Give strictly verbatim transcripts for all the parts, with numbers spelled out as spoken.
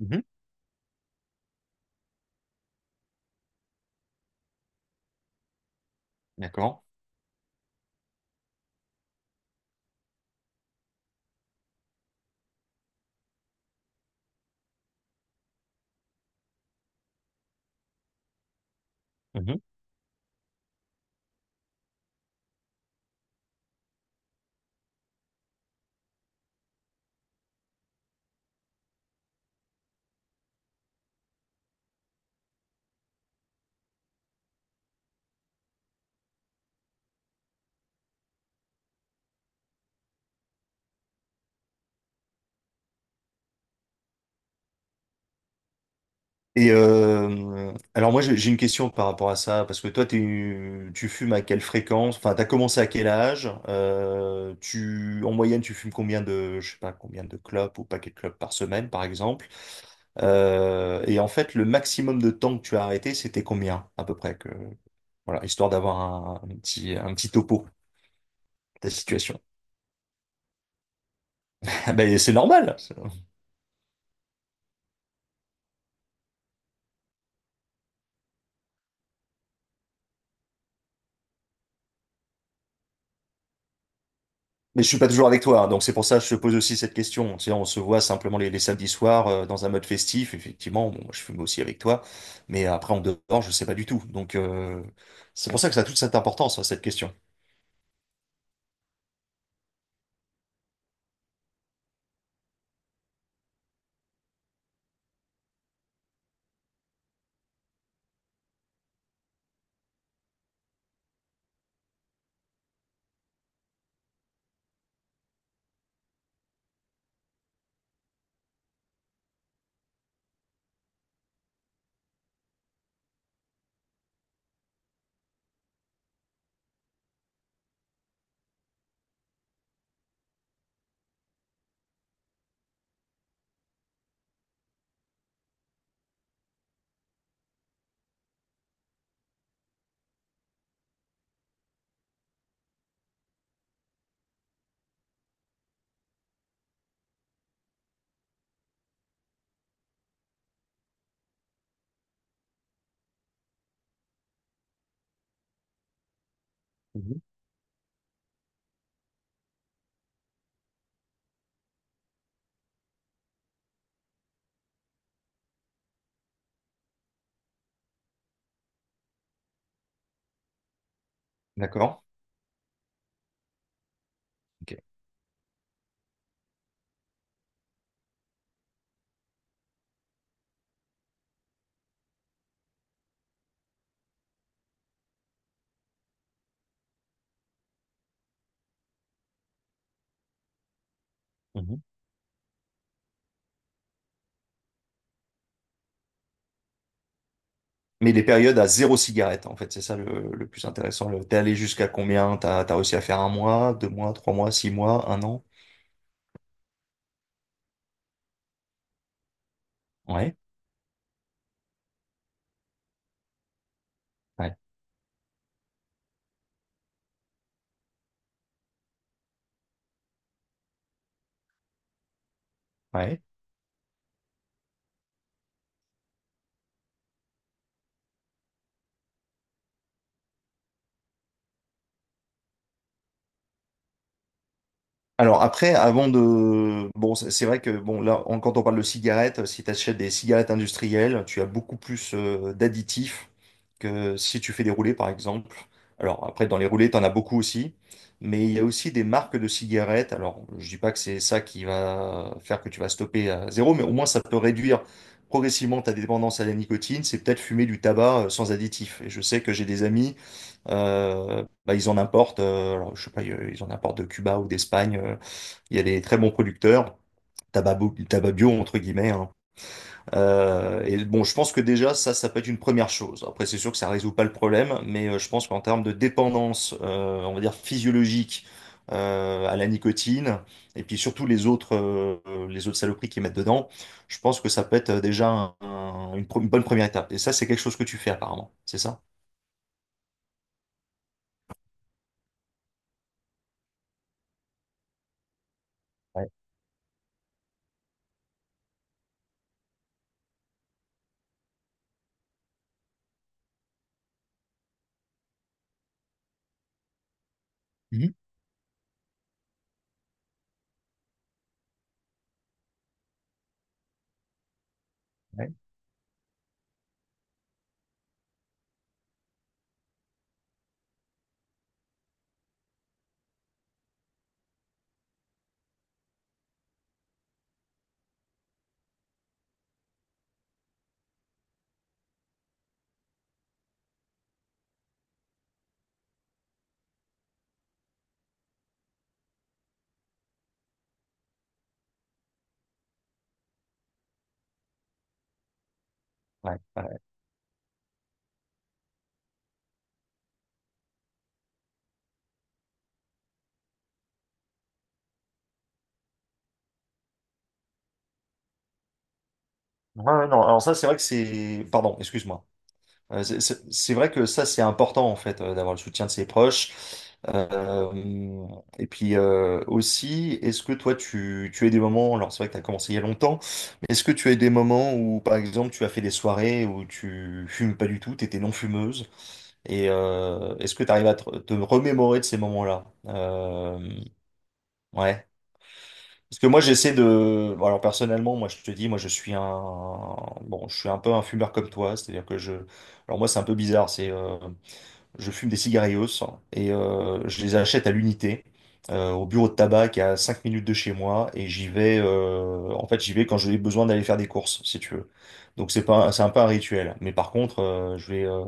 Mhm. D'accord. Mhm. Et euh, alors moi j'ai j'ai une question par rapport à ça, parce que toi t'es- tu fumes à quelle fréquence? Enfin, t'as commencé à quel âge? Euh, tu, en moyenne tu fumes combien de, je sais pas, combien de clopes ou paquets de clopes par semaine par exemple? Euh, et en fait le maximum de temps que tu as arrêté c'était combien à peu près que, voilà, histoire d'avoir un, un petit, un petit topo de ta situation. Ah ben c'est normal. Mais je suis pas toujours avec toi, hein, donc c'est pour ça que je te pose aussi cette question. Tu sais, on se voit simplement les, les samedis soirs euh, dans un mode festif. Effectivement, bon, moi, je fume aussi avec toi, mais après en dehors, je sais pas du tout. Donc euh, c'est pour ça que ça a toute cette importance, hein, cette question. Mhm. D'accord? Ok. Mhm. Mais les périodes à zéro cigarette, en fait, c'est ça le, le plus intéressant. Le- T'es allé jusqu'à combien? T'as, t'as réussi à faire un mois, deux mois, trois mois, six mois, un an? Ouais, ouais, ouais. Alors après, avant de... Bon, c'est c'est vrai que bon, là, on- quand on parle de cigarettes, euh, si tu achètes des cigarettes industrielles, tu as beaucoup plus euh, d'additifs que si tu fais des roulés, par exemple. Alors après, dans les roulés, tu en as beaucoup aussi. Mais il y a aussi des marques de cigarettes. Alors, je dis pas que c'est ça qui va faire que tu vas stopper à zéro, mais au moins ça peut réduire progressivement ta dépendance à la nicotine. C'est peut-être fumer du tabac euh, sans additif. Et je sais que j'ai des amis euh, bah, ils en importent, euh, alors, je sais pas, euh, ils en importent de Cuba ou d'Espagne. Euh, il y a des très bons producteurs, tabac, bo- tabac bio, entre guillemets, hein. Euh, et bon, je pense que déjà, ça, ça peut être une première chose. Après, c'est sûr que ça résout pas le problème, mais euh, je pense qu'en termes de dépendance, euh, on va dire physiologique, euh, à la nicotine, et puis surtout les autres, euh, les autres saloperies qu'ils mettent dedans, je pense que ça peut être euh, déjà un- un- une, pro- une bonne première étape. Et ça, c'est quelque chose que tu fais apparemment, c'est ça? Ouais. Mhm. Ouais. Ouais. Ouais, ouais, non, alors ça, c'est vrai que c'est... Pardon, excuse-moi. Euh, c'est c'est- c'est vrai que ça, c'est important, en fait, euh, d'avoir le soutien de ses proches. Euh, et puis euh, aussi, est-ce que toi, tu, tu as eu des moments, alors c'est vrai que tu as commencé il y a longtemps, mais est-ce que tu as eu des moments où, par exemple, tu as fait des soirées où tu fumes pas du tout, tu étais non fumeuse, et euh, est-ce que tu arrives à te, te remémorer de ces moments-là? Euh, ouais. Parce que moi, j'essaie de. Bon, alors, personnellement, moi, je te dis, moi, je suis un. Bon, je suis un peu un fumeur comme toi. C'est-à-dire que je. Alors, moi, c'est un peu bizarre. C'est. euh, Je fume des cigarillos et euh, je les achète à l'unité, euh, au bureau de tabac qui est à cinq minutes de chez moi. Et j'y vais. euh, En fait, j'y vais quand j'ai besoin d'aller faire des courses, si tu veux. Donc, c'est pas... c'est un peu un rituel. Mais par contre, euh, je vais. euh,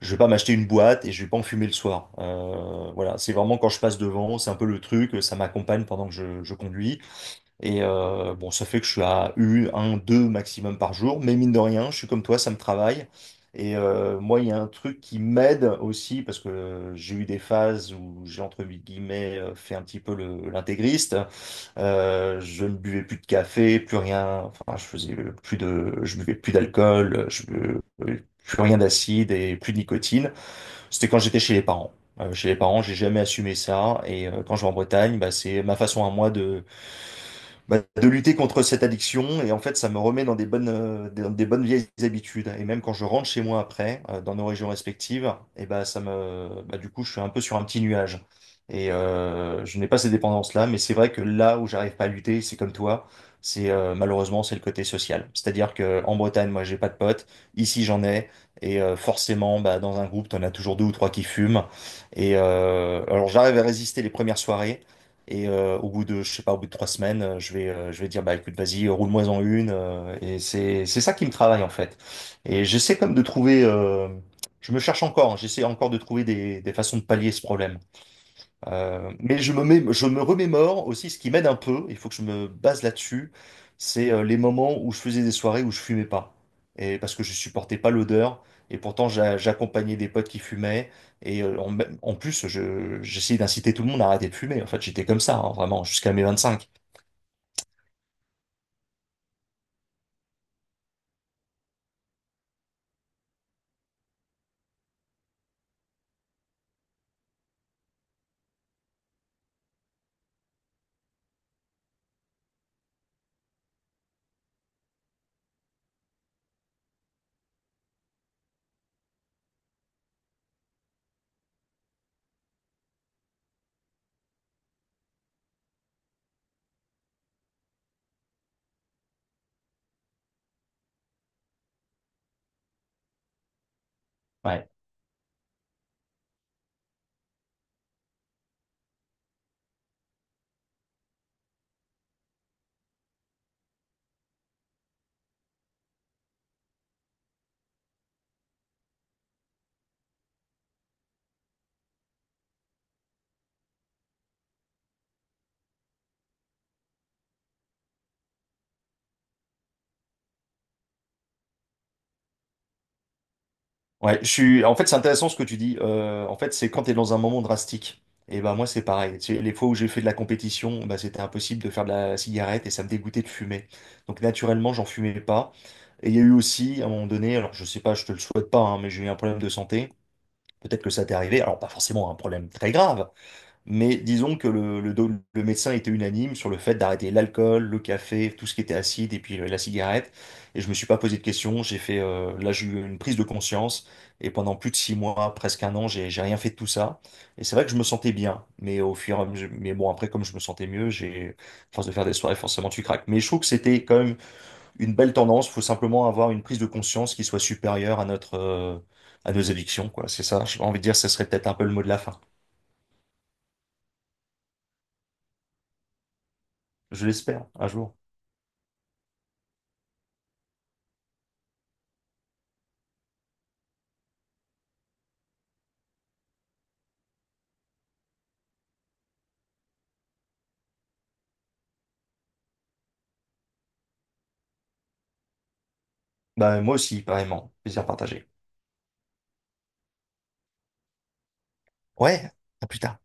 Je vais pas m'acheter une boîte et je vais pas en fumer le soir. Euh, Voilà. C'est vraiment quand je passe devant. C'est un peu le truc. Ça m'accompagne pendant que je, je conduis. Et euh, bon, ça fait que je suis à U, un, deux maximum par jour, mais mine de rien, je suis comme toi, ça me travaille. Et euh, moi, il y a un truc qui m'aide aussi, parce que euh, j'ai eu des phases où j'ai, entre guillemets, euh, fait un petit peu le- l'intégriste. Euh, je ne buvais plus de café, plus rien, enfin, je faisais plus de, je buvais plus d'alcool, je bu- plus rien d'acide et plus de nicotine. C'était quand j'étais chez les parents. Euh, chez les parents, j'ai jamais assumé ça. Et euh, quand je vais en Bretagne, bah, c'est ma façon à moi bah, de lutter contre cette addiction. Et en fait, ça me remet dans des bonnes, euh, des, dans des bonnes vieilles habitudes. Et même quand je rentre chez moi après, euh, dans nos régions respectives, et bah, ça me, bah, du coup, je suis un peu sur un petit nuage. Et euh, je n'ai pas ces dépendances-là, mais c'est vrai que là où j'arrive pas à lutter, c'est comme toi, c'est euh, malheureusement c'est le côté social. C'est-à-dire que en Bretagne, moi, j'ai pas de potes. Ici, j'en ai. Et euh, forcément, bah, dans un groupe, t'en as toujours deux ou trois qui fument. Et euh, alors, j'arrive à résister les premières soirées. Et euh, au bout de, je sais pas, au bout de trois semaines, euh, je vais, euh, je vais dire, bah écoute, vas-y, roule-moi-en une. Euh, et c'est, c'est ça qui me travaille en fait. Et j'essaie comme de trouver, euh, je me cherche encore, hein, j'essaie encore de trouver des, des façons de pallier ce problème. Euh, mais je me mets, je me remémore aussi ce qui m'aide un peu, il faut que je me base là-dessus, c'est euh, les moments où je faisais des soirées où je fumais pas. Et parce que je supportais pas l'odeur, et pourtant j'a- j'accompagnais des potes qui fumaient, et euh, en, en plus je, j'essayais d'inciter tout le monde à arrêter de fumer. En fait, j'étais comme ça, hein, vraiment, jusqu'à mes vingt-cinq. Ouais. Ouais, je suis. En fait, c'est intéressant ce que tu dis. Euh, en fait, c'est quand tu es dans un moment drastique. Et ben moi, c'est pareil. Tu sais, les fois où j'ai fait de la compétition, bah, c'était impossible de faire de la cigarette et ça me dégoûtait de fumer. Donc naturellement, j'en fumais pas. Et il y a eu aussi, à un moment donné, alors je sais pas, je te le souhaite pas, hein, mais j'ai eu un problème de santé. Peut-être que ça t'est arrivé. Alors pas forcément un problème très grave, mais disons que le, le, do- le médecin était unanime sur le fait d'arrêter l'alcool, le café, tout ce qui était acide et puis euh, la cigarette. Et je me suis pas posé de questions. J'ai fait, euh, là, j'ai eu une prise de conscience. Et pendant plus de six mois, presque un an, j'ai, j'ai rien fait de tout ça. Et c'est vrai que je me sentais bien. Mais au fur et à mesure, mais bon, après, comme je me sentais mieux, j'ai, à force de faire des soirées, forcément, tu craques. Mais je trouve que c'était quand même une belle tendance. Faut simplement avoir une prise de conscience qui soit supérieure à notre, euh, à nos addictions, quoi. C'est ça. J'ai envie de dire, ce serait peut-être un peu le mot de la fin. Je l'espère, un jour. Bah, moi aussi, pareillement. Plaisir partagé. Ouais, à plus tard.